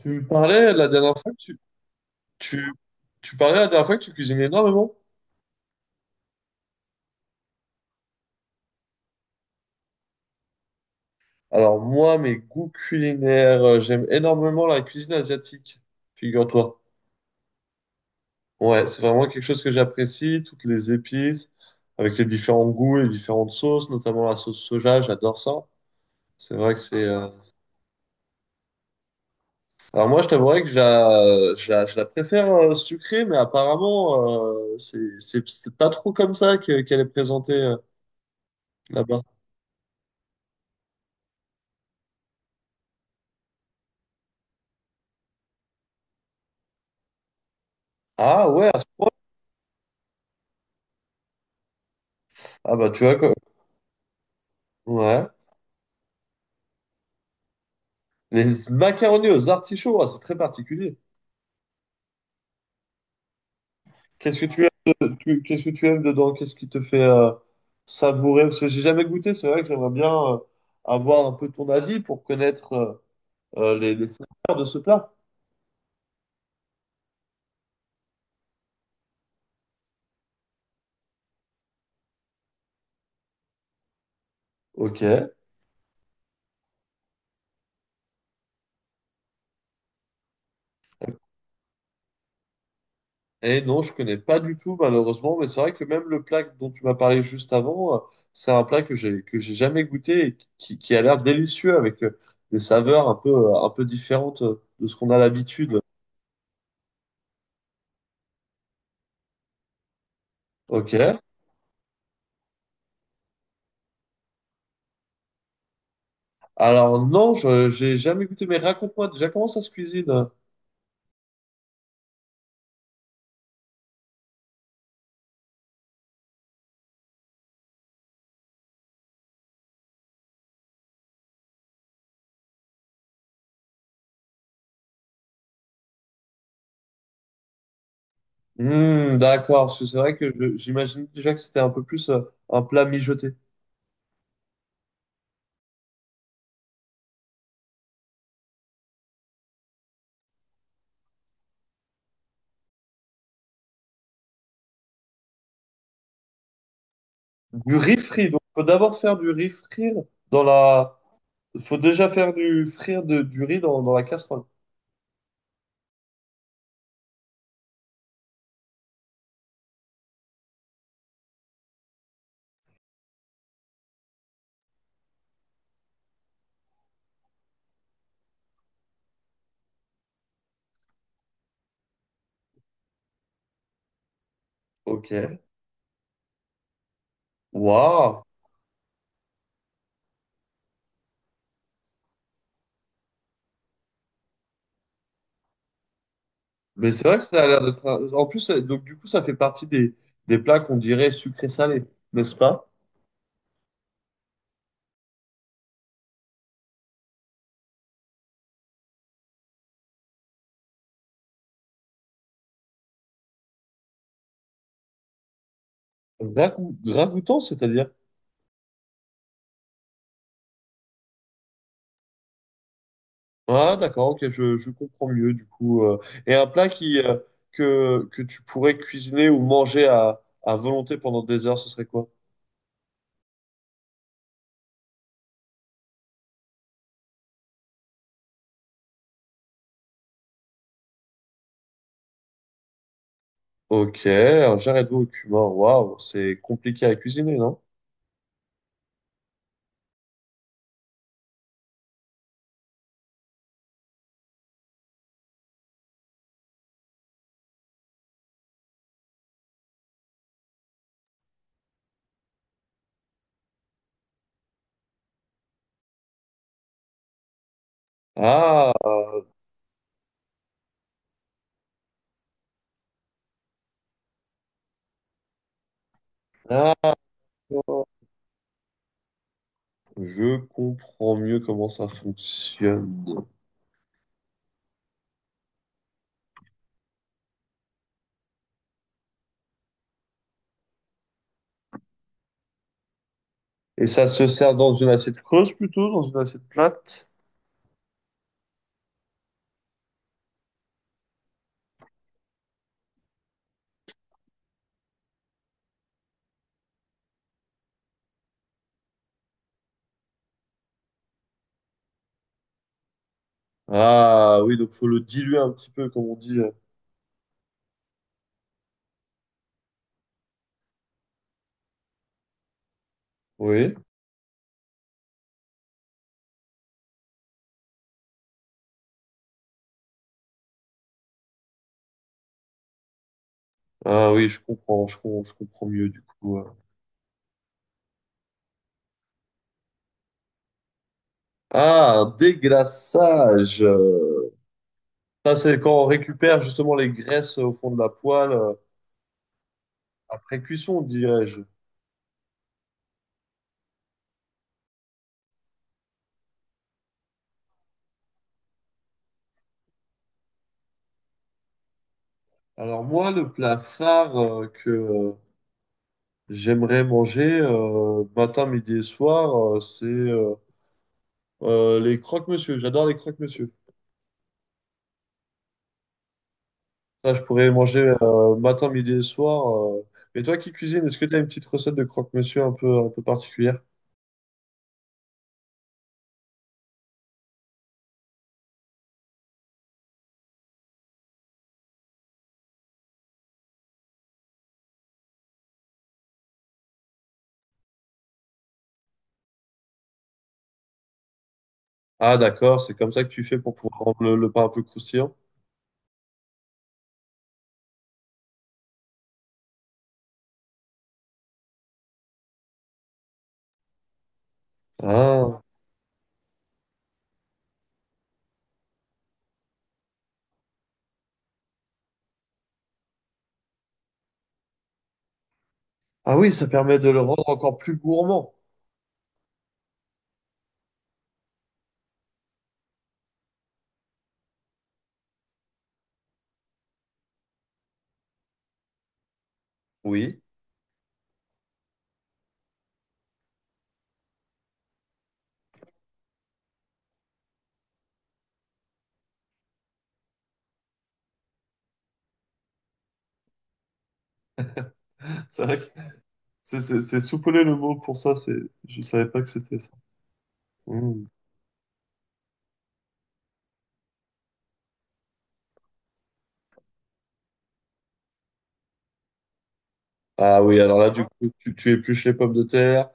Tu me parlais la dernière fois que tu, tu parlais la dernière fois que tu cuisines énormément. Alors moi, mes goûts culinaires, j'aime énormément la cuisine asiatique, figure-toi. Ouais, c'est vraiment quelque chose que j'apprécie, toutes les épices, avec les différents goûts, les différentes sauces, notamment la sauce soja, j'adore ça. C'est vrai que c'est... Alors moi, je t'avouerais que je la préfère sucrée, mais apparemment, c'est pas trop comme ça qu'elle est présentée là-bas. Ah ouais, ah bah tu vois quoi. Ouais. Les macaronis aux artichauts, ah, c'est très particulier. Qu'est-ce que tu aimes dedans? Qu'est-ce qui te fait savourer? Parce que j'ai jamais goûté, c'est vrai que j'aimerais bien avoir un peu ton avis pour connaître les saveurs de ce plat. Ok. Et non, je connais pas du tout, malheureusement, mais c'est vrai que même le plat dont tu m'as parlé juste avant, c'est un plat que j'ai jamais goûté et qui a l'air délicieux avec des saveurs un peu différentes de ce qu'on a l'habitude. Ok. Alors non, je j'ai jamais goûté, mais raconte-moi déjà comment ça se cuisine. D'accord, parce que c'est vrai que j'imagine déjà que c'était un peu plus un plat mijoté. Du riz frit, donc faut d'abord faire du riz frire dans la... faut déjà faire du riz dans la casserole. Ok. Waouh. Mais c'est vrai que ça a l'air d'être, en plus, donc du coup, ça fait partie des plats qu'on dirait sucrés-salés, n'est-ce pas? Ragoûtant, c'est-à-dire? Ah, d'accord, ok, je comprends mieux du coup. Et un plat qui, que tu pourrais cuisiner ou manger à volonté pendant des heures, ce serait quoi? Ok, un jarret de veau au cumin, waouh, c'est compliqué à cuisiner, non? Ah, d'accord, je comprends mieux comment ça fonctionne. Et ça se sert dans une assiette creuse plutôt, dans une assiette plate? Ah oui, donc faut le diluer un petit peu, comme on dit. Oui, ah oui, je comprends, je comprends mieux du coup. Ah, un déglaçage. Ça, c'est quand on récupère justement les graisses au fond de la poêle après cuisson, dirais-je. Alors moi, le plat phare que j'aimerais manger matin, midi et soir, c'est les croque-monsieur. J'adore les croque-monsieur. Ça, je pourrais manger matin, midi et soir. Euh. Mais toi qui cuisines, est-ce que tu as une petite recette de croque-monsieur un peu particulière? Ah, d'accord, c'est comme ça que tu fais pour pouvoir rendre le pain un peu croustillant. Ah. Ah oui, ça permet de le rendre encore plus gourmand. Oui. C'est vrai que c'est soupolé le mot pour ça, c'est je savais pas que c'était ça. Mm. Ah oui, alors là, du coup, tu épluches les pommes de terre,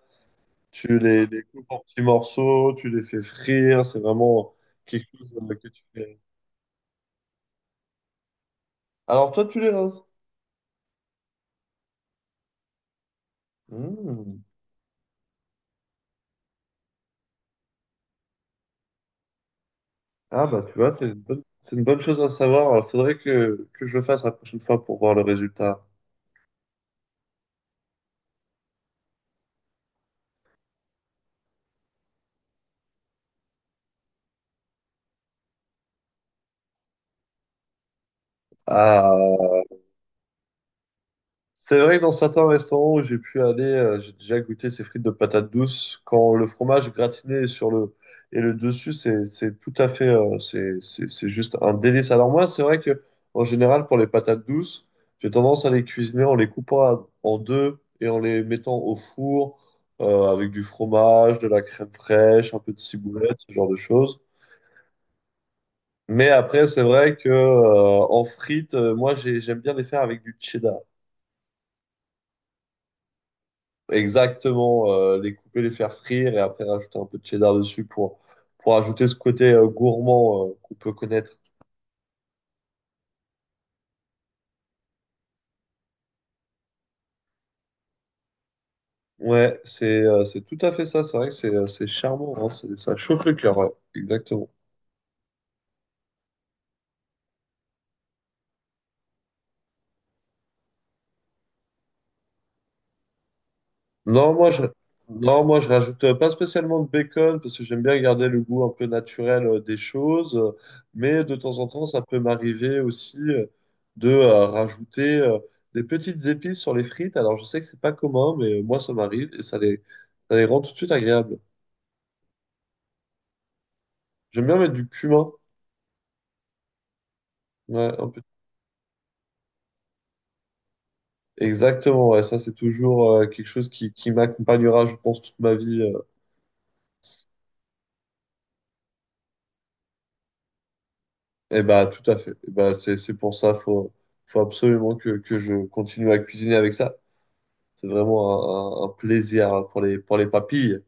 les coupes en petits morceaux, tu les fais frire, c'est vraiment quelque chose que tu fais. Alors toi, tu les roses. Mm. Ah bah tu vois, c'est c'est une bonne chose à savoir. Il faudrait que je le fasse la prochaine fois pour voir le résultat. Ah, c'est vrai que dans certains restaurants où j'ai pu aller, j'ai déjà goûté ces frites de patates douces. Quand le fromage gratiné est sur le et le dessus, c'est tout à fait, c'est juste un délice. Alors moi, c'est vrai que en général pour les patates douces, j'ai tendance à les cuisiner en les coupant en deux et en les mettant au four avec du fromage, de la crème fraîche, un peu de ciboulette, ce genre de choses. Mais après, c'est vrai que en frites, j'aime bien les faire avec du cheddar. Exactement, les couper, les faire frire et après rajouter un peu de cheddar dessus pour ajouter ce côté gourmand qu'on peut connaître. C'est tout à fait ça, c'est vrai que c'est charmant, hein, ça chauffe le cœur, ouais, exactement. Non, moi je, non, moi je rajoute pas spécialement de bacon parce que j'aime bien garder le goût un peu naturel des choses, mais de temps en temps ça peut m'arriver aussi de rajouter des petites épices sur les frites. Alors je sais que c'est pas commun, mais moi ça m'arrive et ça les rend tout de suite agréables. J'aime bien mettre du cumin. Ouais, un peu. Exactement, ouais, ça c'est toujours quelque chose qui m'accompagnera, je pense, toute ma vie. Eh bah, tout à fait. Eh bah, c'est pour ça, faut, faut absolument que je continue à cuisiner avec ça. C'est vraiment un plaisir pour les papilles.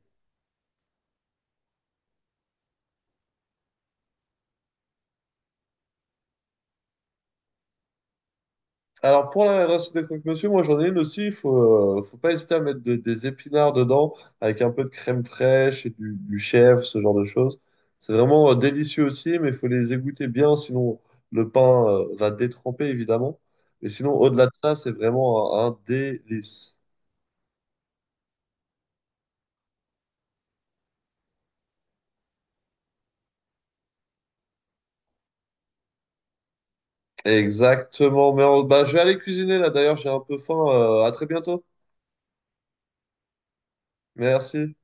Alors, pour la race des croque-monsieur, moi, j'en ai une aussi. Faut pas hésiter à mettre des épinards dedans avec un peu de crème fraîche et du chèvre, ce genre de choses. C'est vraiment délicieux aussi, mais il faut les égoutter bien, sinon le pain, va détremper, évidemment. Mais sinon, au-delà de ça, c'est vraiment un délice. Exactement. Mais bah, je vais aller cuisiner là. D'ailleurs, j'ai un peu faim. À très bientôt. Merci.